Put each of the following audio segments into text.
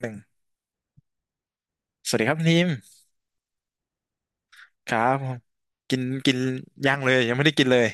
หนึ่งสวัสดีครับคุณทีมครับผมกินกินย่างเลยยังไม่ได้กินเลย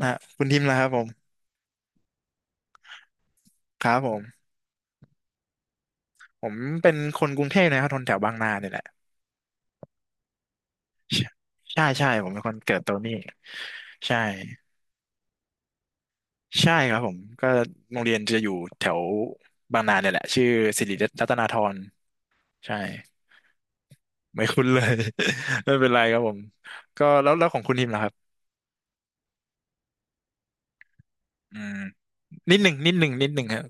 นะฮะคุณทีมนะครับผมครับผมผมเป็นคนกรุงเทพนะครับคนแถวบางนาเนี่ยแหละใช่ใช่ผมเป็นคนเกิดตรงนี้ใช่ใช่ครับผมก็โรงเรียนจะอยู่แถวบางนาเนี่ยแหละชื่อสิริรัตนาธรใช่ไม่คุ้นเลย ไม่เป็นไรครับผมก็แล้วของคุณทีมล่ะครับอืมนิดหนึ่งนิดหนึ่งนิดหนึ่งครับ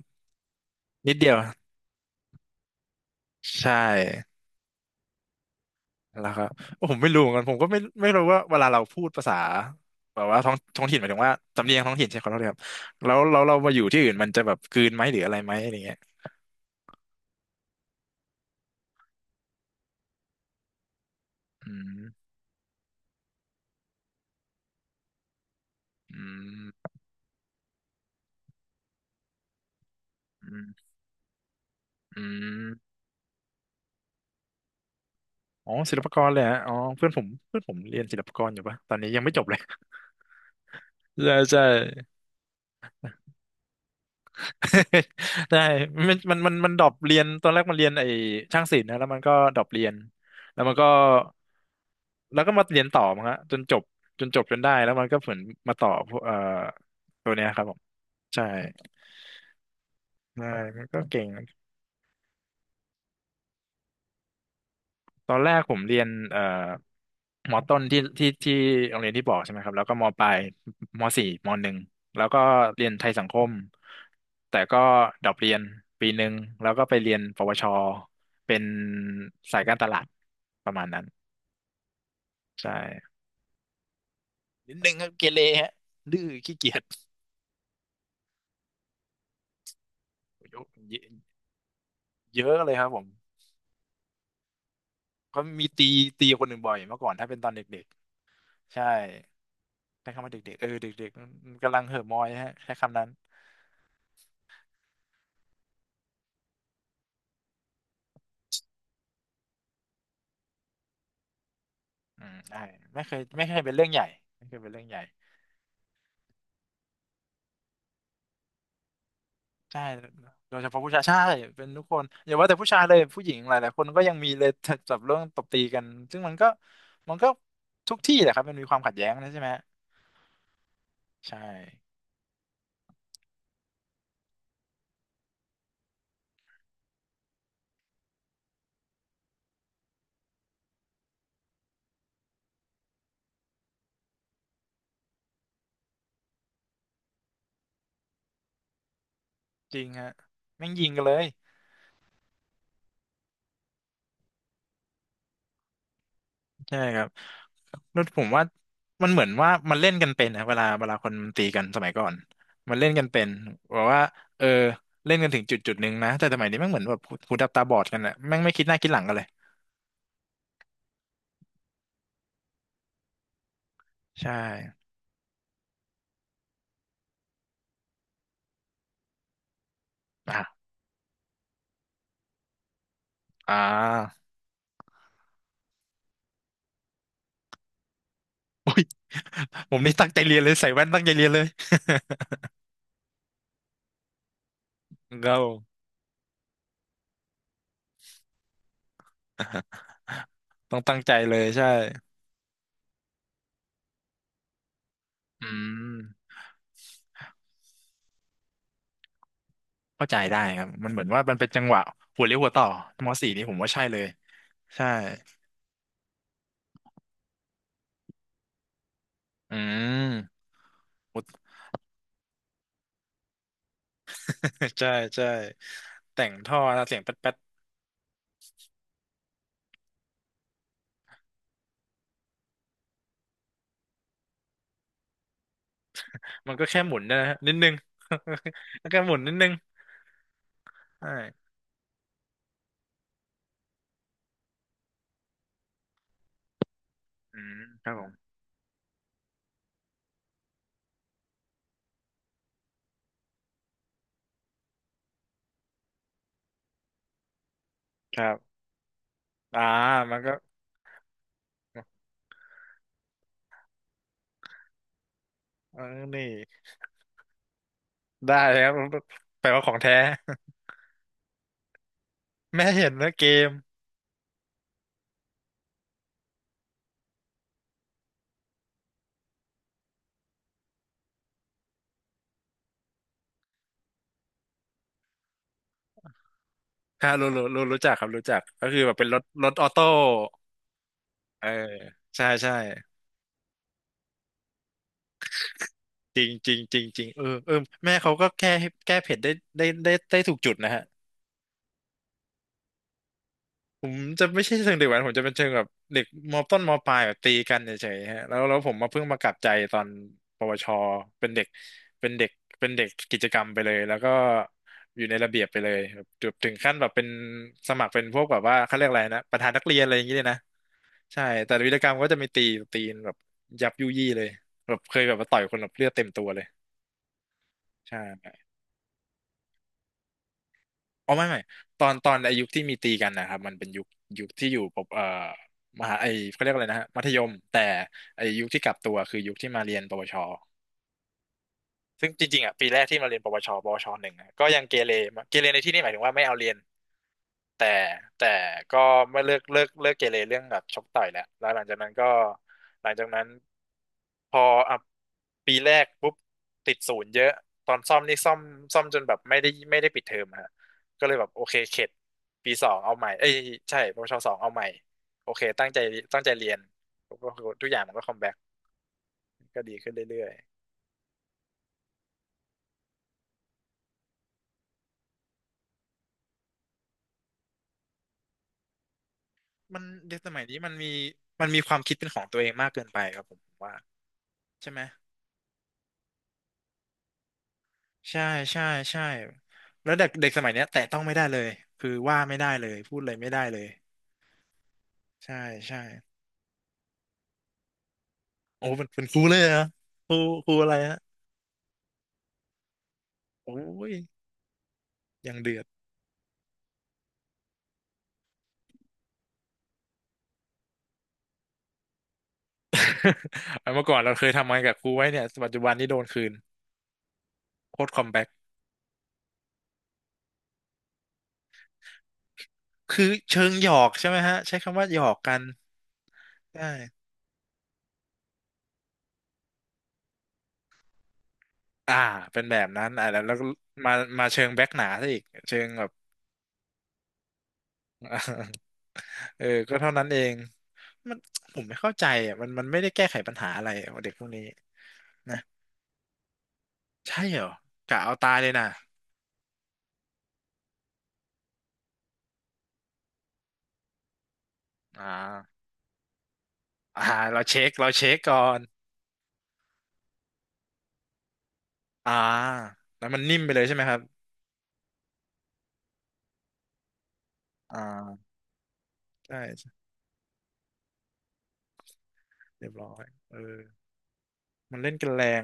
นิดเดียวใช่ แล้วครับผมไม่รู้เหมือนกันผมก็ไม่รู้ว่าเวลาเราพูดภาษาแบบว่าท้องถิ่นหมายถึงว่าสำเนียงท้องถิ่นใช่ขอโทษครับแล้วเรามาอยู่ที่อื่นมันจะแบบกลืนไหมหรืออะไรไหมอะไรเงี้ยอืมอืมอืมอืมอ๋อศิลปากรเลยฮะอ๋อเพื่อนผมเรียนศิลปากรอยู่ปะตอนนี้ยังไม่จบเลยใช่ใช่ ใช่มันดรอปเรียนตอนแรกมันเรียนไอ้ช่างศิลป์นะแล้วมันก็ดรอปเรียนแล้วมันก็ แล้วก็มาเรียนต่อมั้งฮะจนจบจนจบจนได้แล้วมันก็เหมือนมาต่อพวกตัวเนี้ยครับผมใช่ใช่มันก็เก่งตอนแรกผมเรียนมอต้นที่โรงเรียนที่บอกใช่ไหมครับแล้วก็มอปลายมอสี่มอหนึ่งแล้วก็เรียนไทยสังคมแต่ก็ดรอปเรียนปีหนึ่งแล้วก็ไปเรียนปวชเป็นสายการตลาดประมาณนั้นใช่นิดนึงครับเกเรฮะดื้อขี้เกียจเยอะเยอะเลยครับผม เขามีตีตีคนหนึ่งบ่อยเมื่อก่อนถ้าเป็นตอนเด็กๆใช่ใช้คำว่าเด็กๆเออเด็กๆกำลังเห่อะมอยฮะใช้คำนั้นอืมใช่ไม่เคยไม่เคยเป็นเรื่องใหญ่ไม่เคยเป็นเรื่องใหญ่ใช่โดยเฉพาะผู้ชายใช่เป็นทุกคนอย่าว่าแต่ผู้ชายเลยผู้หญิงหลายๆคนก็ยังมีเลย จับเรื่องตบตีกันซึ่งมันก็ทุกที่แหละครับมันมีความขัดแย้งนะใช่ไหมใช่จริงฮะแม่งยิงกันเลยใช่ครับ แล้วผมว่ามันเหมือนว่ามันเล่นกันเป็นนะเวลาคนมันตีกันสมัยก่อนมันเล่นกันเป็นบอกว่าเออเล่นกันถึงจุดจุดหนึ่งนะแต่สมัยนี้แม่งเหมือนแบบหูดับตาบอดกันอะแม่งไม่คิดหน้าคิดหลังกันเลยใช่อ่ะอ่าอุ้ยผมนี่ตั้งใจเรียนเลยใส่แว่นตั้งใจเรียนเลยเกา ต้องตั้งใจเลยใช่อืมเข้าใจได้ครับมันเหมือนว่ามันเป็นจังหวะหัวเลี้ยวหัวต่อมสี่นี่ผมว่าใช่เลยใช่อืม ใช่ใช่แต่งท่อนะเสียงแป๊ดแป๊ดมันก็แค่หมุนนะฮะนิดนึง แล้วก็หมุนนิดนึงใช่อืมครับผมครับอ่ามันก็เออนี่ได้เลยครับแปลว่าของแท้ แม่เห็นนะเกมครับรู้จักครับรู้จักก็คือแบบเป็นรถรถออโต้เออใช่ใช่จริงจริงจริงจริงเออเออแม่เขาก็แก้เผ็ดได้ได้ได้ได้ถูกจุดนะฮะ ผมจะไม่ใช่เชิงเด็กแว้นผมจะเป็นเชิงแบบเด็กมต้นมปลายแบบตีกันเฉยๆฮะแล้วผมมาเพิ่งมากลับใจตอนปวชเป็นเด็กเป็นเด็กเป็นเด็กกิจกรรมไปเลยแล้วก็อยู่ในระเบียบไปเลยแบบถึงขั้นแบบเป็นสมัครเป็นพวกแบบว่าเขาเรียกอะไรนะประธานนักเรียนอะไรอย่างเงี้ยเลยนะใช่แต่วีรกรรมก็จะมีตีตีนแบบยับยุยี่เลยแบบเคยแบบมาต่อยคนแบบเลือดเต็มตัวเลยใช่ อ๋อไม่ไม่ตอนไอายุคที่มีตีกันนะครับมันเป็นยุคที่อยู่ปบมหาไอเขาเรียกอะไรนะฮะมัธยมแต่ไอยุคที่กลับตัวคือยุคที่มาเรียนปวช ซึ่งจริงๆอ่ะปีแรกที่มาเรียนปวชปวชหนึ่งอะก็ยังเกเรมาเกเรในที่นี่หมายถึงว่าไม่เอาเรียนแต่แต่ก็ไม่เลิกเกเรเรื่องแบบชกต่อยแหละแล้วหลังจากนั้นก็หลังจากนั้นพออ่ะปีแรกปุ๊บติดศูนย์เยอะตอนซ่อมนี่ซ่อมซ่อมจนแบบไม่ได้ปิดเทอมอะฮะก็เลยแบบโอเคเข็ดปีสองเอาใหม่เอ้ยใช่ปวชสองเอาใหม่โอเคตั้งใจเรียนก็ทุกอย่างมันก็คอมแบ็กก็ดีขึ้นเรื่อย มันเด็กสมัยนี้มันมีมันมีความคิดเป็นของตัวเองมากเกินไปครับผมว่าใช่ไหมใช่ใช่ใช่แล้วเด็กเด็กสมัยเนี้ยแตะต้องไม่ได้เลยคือว่าไม่ได้เลยพูดอะไรไม่ได้เลยใช่ใช่โอ้เป็นครูเลยเหรอครูครูอะไรฮะโอ้ยยังเดือด เอาเมื่อก่อนเราเคยทำงานกับครูไว้เนี่ยปัจจุบันนี้โดนคืนโคตรคอมแบ็คคือเชิงหยอกใช่ไหมฮะใช้คำว่าหยอกกันใช่อ่าเป็นแบบนั้นอ่าแล้วก็มามาเชิงแบ็คหนาซะอีกเชิงแบบ อ่าเออก็เท่านั้นเองมันผมไม่เข้าใจอ่ะมันไม่ได้แก้ไขปัญหาอะไรอ่ะเด็กพวกนี้นะใช่เหรอกะเอาตายเลยนะอ่าอ่าเราเช็คก่อนอ่าแล้วมันนิ่มไปเลยใช่ไหมครับอ่าใช่เรียบร้อยเออมันเล่นกันแรง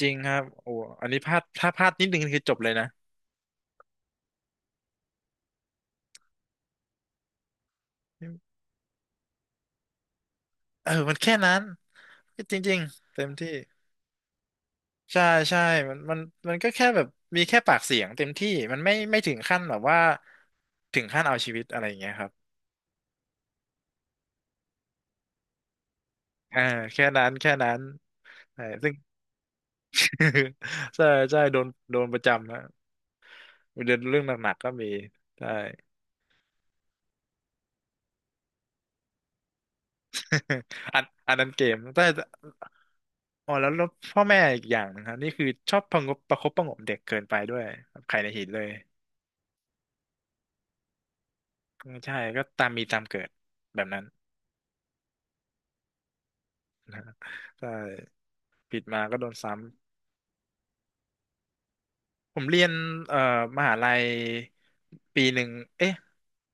จริงครับโอ้อันนี้พลาดถ้าพลาดนิดนึงคือจบเลยนะเออมันแค่นั้นจริงๆเต็มที่ ใช่ใช่มันมันมันก็แค่แบบมีแค่ปากเสียงเต็มที่มันไม่ถึงขั้นแบบว่าถึงขั้นเอาชีวิตอะไรอย่างเงี้ยครับอ่าแค่นั้นแค่นั้นใช่ซึ่ง ใช่ใช่โดนประจำนะเรื่องหนักๆก็มี ใช่ อันนั้นเกมแต่อ๋อแล้วพ่อแม่อีกอย่างนะครับนี่คือชอบประงบประคบประหงมเด็กเกินไปด้วยครับใครในหินเลย ใช่ก็ตามมีตามเกิดแบบนั้นใช่ผิดมาก็โดนซ้ำ ผมเรียนเอ่อมหาลัยปีหนึ่งเอ๊ะ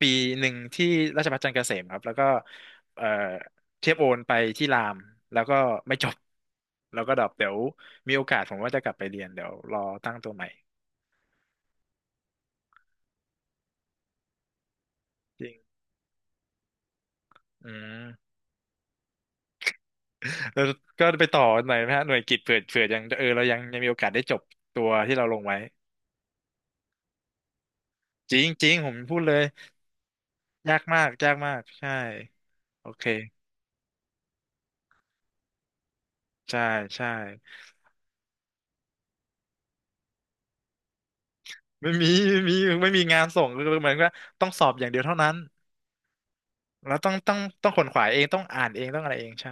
ปีหนึ่งที่ราชภัฏจันทร์เกษมครับแล้วก็เอ่อเทียบโอนไปที่รามแล้วก็ไม่จบแล้วก็ดรอปเดี๋ยวมีโอกาสผมว่าจะกลับไปเรียนเดี๋ยวรอตั้งตัวใหม่จริงอืมแล้วก็ไปต่อหน่อยไหมฮะหน่วยกิตเผื่อยังเออเรายังมีโอกาสได้จบตัวที่เราลงไว้จริงจริงผมพูดเลยยากมากยากมากใช่โอเคใช่ใช่ ไม่มีไม่มีงานส่งคือเหมือนว่าต้องสอบอย่างเดียวเท่านั้นแล้วต้องขวนขวายเองต้องอ่านเองต้องอะไรเองใช่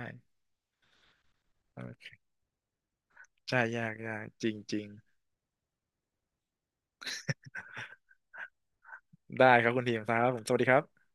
ใช่ยากยากจริงจริงได้ครับคุณทีมครับผมสวัสดีครับ